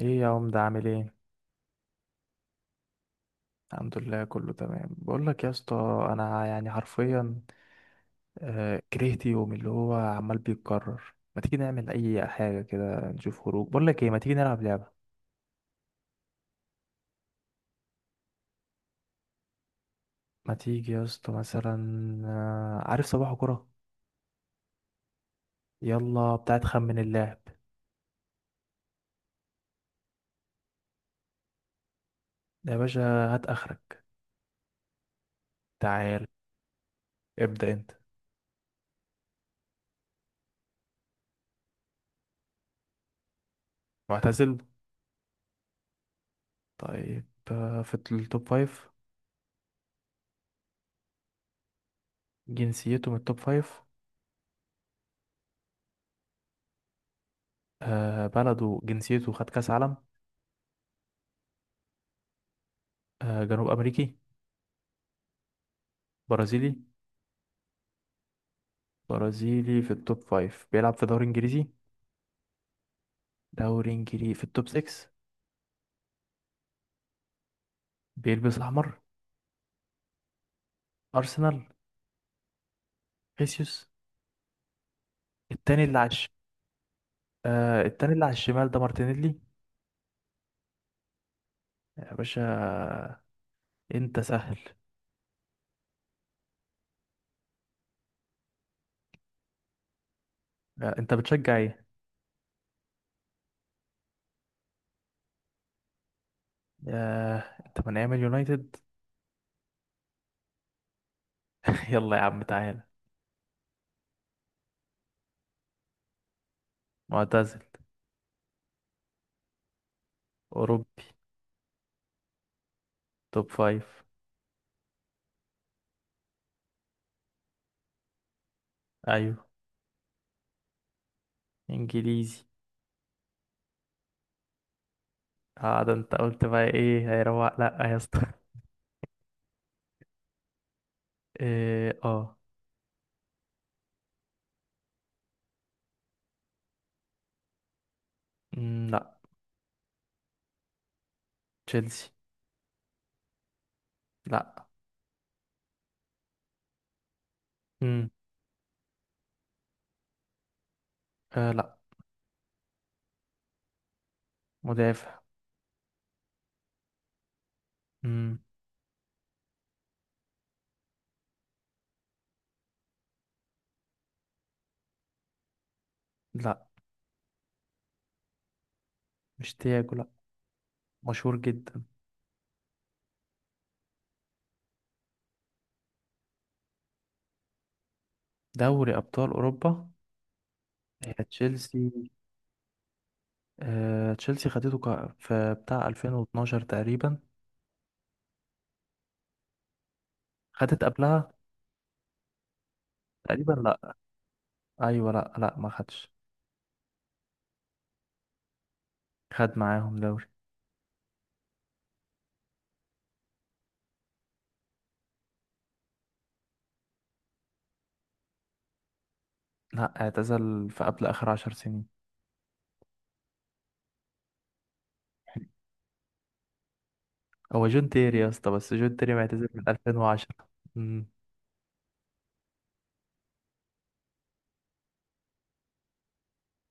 ايه يا عم، ده عامل ايه؟ الحمد لله، كله تمام. بقول لك يا اسطى، انا يعني حرفيا، كرهت يوم اللي هو عمال بيتكرر. ما تيجي نعمل اي حاجه كده نشوف خروج؟ بقول لك ايه، ما تيجي نلعب لعبه؟ ما تيجي يا اسطى مثلا؟ عارف صباح كرة. يلا بتاعت خمن اللاعب. يا باشا، هات اخرك. تعال، ابدأ انت. معتزل. طيب. في التوب فايف؟ جنسيته من التوب فايف؟ بلده، جنسيته خد كاس عالم؟ جنوب امريكي؟ برازيلي؟ برازيلي في التوب فايف بيلعب في دوري انجليزي. دوري انجليزي في التوب 6؟ بيلبس احمر؟ ارسنال؟ خيسيوس؟ التاني اللي على التاني اللي على الشمال ده مارتينيلي؟ يا باشا، انت سهل. انت بتشجع ايه؟ آه. انت من ايام اليونايتد؟ يلا يا عم، تعالى. معتزل. اوروبي؟ توب فايف؟ ايوه. انجليزي؟ اه، ده انت قلت بقى. ايه هيروق؟ لا يا اسطى. إيه، اه. مم، لا. تشيلسي؟ لا. مم. آه، لا. مدافع؟ مم. لا. مش تياجو، لا. مشهور جدا. دوري أبطال أوروبا. هي تشيلسي. تشيلسي خدته في بتاع 2012 تقريبا. خدت قبلها؟ تقريبا، لا. أيوة، لا لا ما خدش. خد معاهم دوري؟ لا، اعتزل في قبل آخر 10 سنين. هو جون تيري يا اسطى، بس جون تيري معتزل من 2010. امم.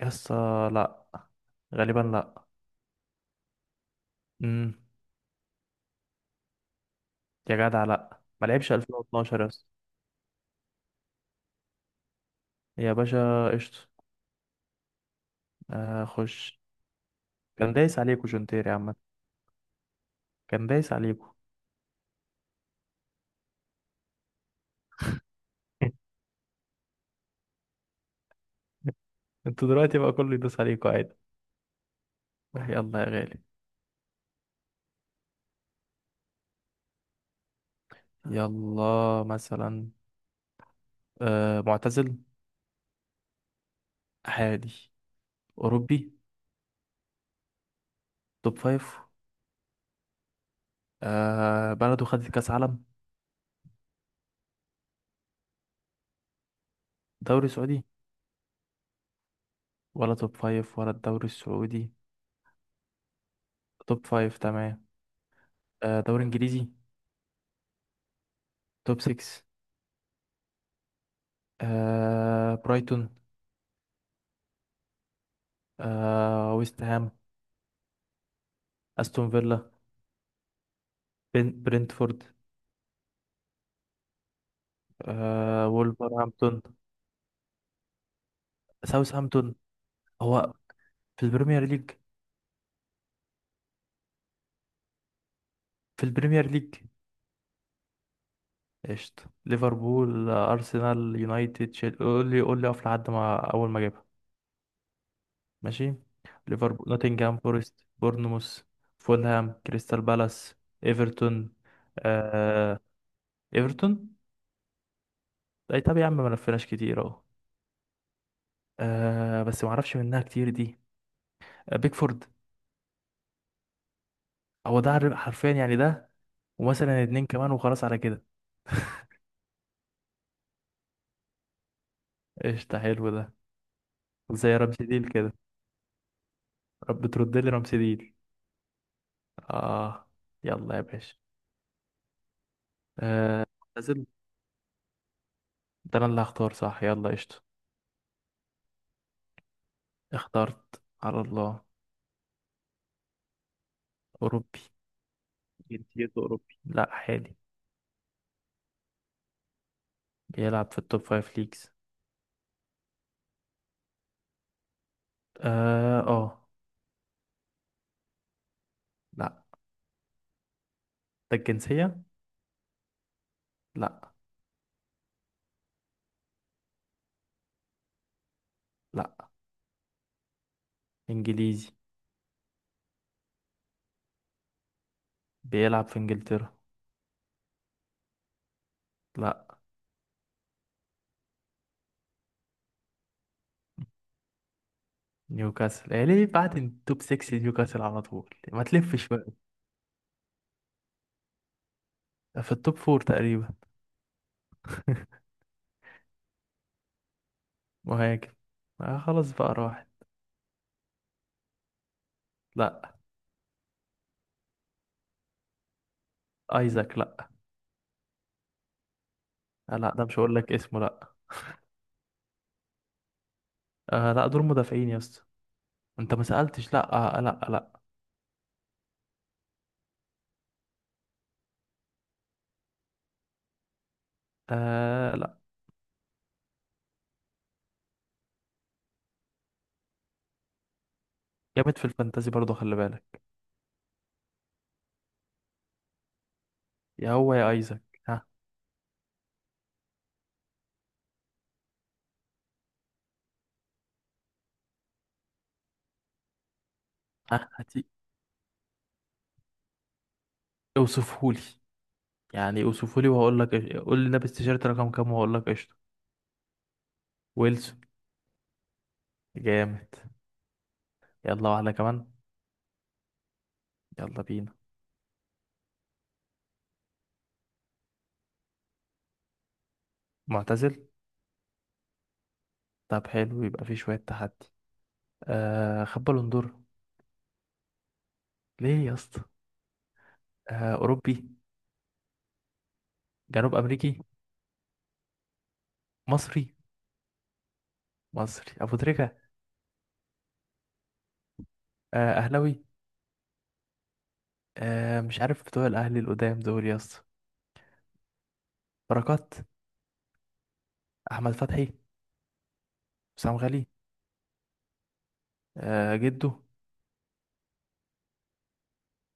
يا اسطى، لا. غالبا لا. امم. يا جدع، لا ما لعبش 2012 يا اسطى. يا باشا، قشطة. خش. كان دايس عليكوا جون تيري عامة. كان دايس عليكم. انتوا دلوقتي بقى كله يدوس عليكم عادي. يلا يا غالي. يلا مثلا. معتزل؟ حالي؟ أوروبي؟ توب فايف؟ بلده خدت كأس عالم؟ دوري سعودي؟ ولا توب فايف ولا الدوري السعودي؟ توب فايف، تمام. دوري إنجليزي؟ توب سكس؟ برايتون؟ ويست هام؟ أستون فيلا؟ برنتفورد؟ وولفرهامبتون؟ ساوثهامبتون؟ هو في البريمير ليج؟ في البريمير ليج. قشطة. ليفربول، أرسنال، يونايتد، قول لي قول لي أقف لحد ما أول ما أجيبها. ماشي. ليفربول، نوتنجهام فورست، بورنموث، فولهام، كريستال بالاس، إيفرتون. آه... إيفرتون؟ أي طب يا عم، ما لفيناش كتير أهو. بس ما أعرفش منها كتير دي. بيكفورد؟ هو ده حرفيا يعني ده. ومثلا اتنين كمان وخلاص على كده. قشطة، حلو ده. زي رمسيديل كده. رب ترد لي رمسيديل. آه. يلا يا باشا. آه. ده انا اللي هختار، صح؟ يلا، قشطة. اخترت على الله. اوروبي. جنسيته أوروبي، لا، حالي. بيلعب في التوب فايف ليجز. اه اه. لا. ده الجنسية؟ لا. لا. انجليزي. بيلعب في انجلترا. لا. نيوكاسل؟ إيه ليه بعد التوب 6 نيوكاسل على طول؟ ما تلفش بقى. في التوب 4 تقريبا. مهاجم؟ خلاص بقى راحت. لا. ايزاك؟ لا. لا، ده مش هقول لك اسمه، لا. لا دول مدافعين يا اسطى. انت ما سألتش، لا. لا لا. لا. جامد في الفانتازي برضه، خلي بالك. يا هو يا ايزاك. ها. ها، هتي. اوصفهولي. يعني اوصفهولي وهقول لك. قول لي لابس تيشيرت رقم كام وهقول لك قشطه. ويلسون؟ جامد. يلا واحده كمان. يلا بينا. معتزل. طب حلو، يبقى في شويه تحدي. خد بالون دور. ليه يا اسطى؟ اوروبي؟ جنوب امريكي؟ مصري؟ مصري ابو تريكه؟ اهلاوي؟ مش عارف بتوع الاهلي القدام دول يا اسطى. بركات؟ احمد فتحي؟ حسام غالي؟ جده؟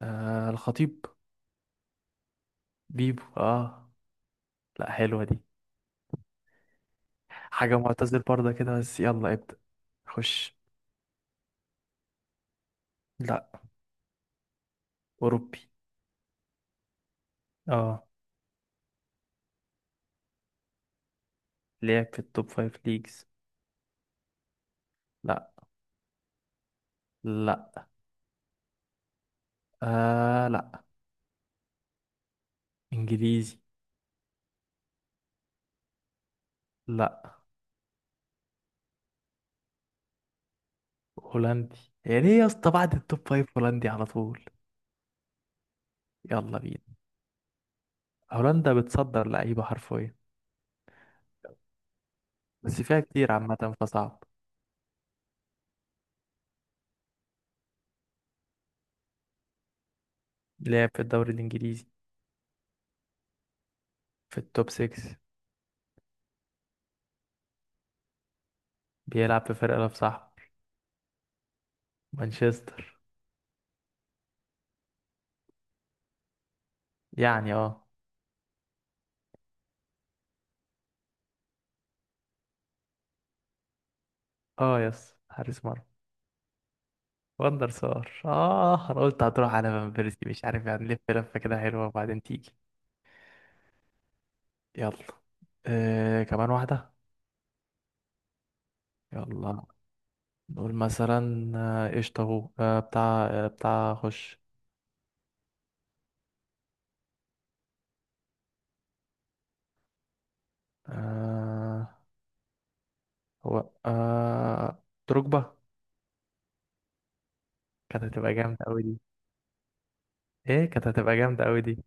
الخطيب؟ بيبو، اه. لا، حلوة دي. حاجة معتزل برضه كده، بس يلا ابدأ. خش. لا. أوروبي. اه. لعب في التوب فايف ليجز. لا. لا. لا. إنجليزي. لا. هولندي. يا ليه يا اسطى بعد التوب فايف هولندي على طول؟ يلا بينا. هولندا بتصدر لعيبة حرفيا. بس فيها كتير عامة، فصعب. لعب في الدوري الإنجليزي. في التوب 6. بيلعب في فرقة لو صاحب. مانشستر. يعني، اه. اه، يس، حارس مرمى. وندر سار. اه انا قلت هتروح على فان بيرسي، مش عارف يعني، لف لفه كده حلوه وبعدين تيجي. يلا. كمان واحده. يلا. نقول مثلا قشطه اهو بتاع خش. آه. هو دروجبا. كانت هتبقى جامده قوي دي. ايه، كانت هتبقى جامده قوي دي.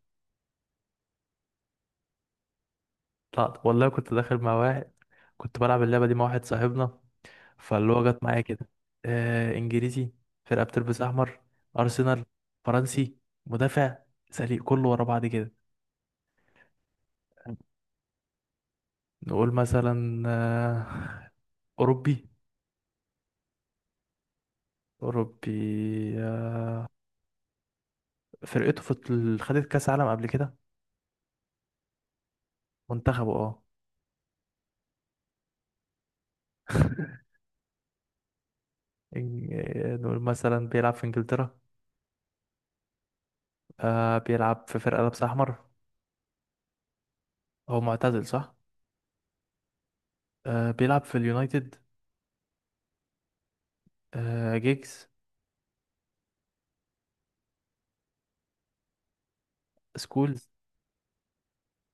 لا والله، كنت داخل مع واحد. كنت بلعب اللعبه دي مع واحد صاحبنا. فاللي هو جت معايا كده. انجليزي. فرقه بتلبس احمر. ارسنال. فرنسي. مدافع. سليق كله ورا بعض كده. نقول مثلا اوروبي. اوروبي. آه فرقته خدت كاس عالم قبل كده. منتخبه، اه. نقول مثلا بيلعب في انجلترا. بيلعب في فرقة لابسة احمر. هو معتزل، صح؟ بيلعب في اليونايتد. جيجز؟ سكولز؟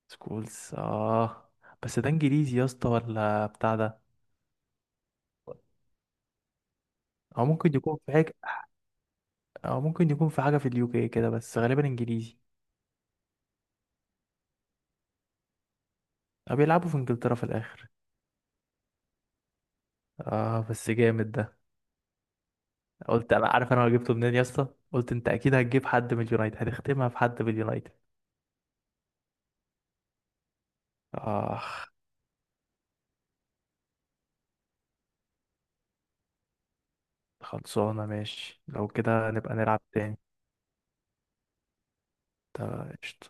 سكولز، اه. بس ده انجليزي يا اسطى ولا بتاع ده؟ او ممكن يكون في حاجه. او ممكن يكون في حاجه في اليو كي كده، بس غالبا انجليزي. او بيلعبوا في انجلترا في الاخر. اه، بس جامد ده. قلت انا عارف انا جبته منين يا اسطى؟ قلت انت اكيد هتجيب حد من اليونايتد، هتختمها في حد من اليونايتد. اه. خلصانه؟ ماشي، لو كده نبقى نلعب تاني. طب قشطة.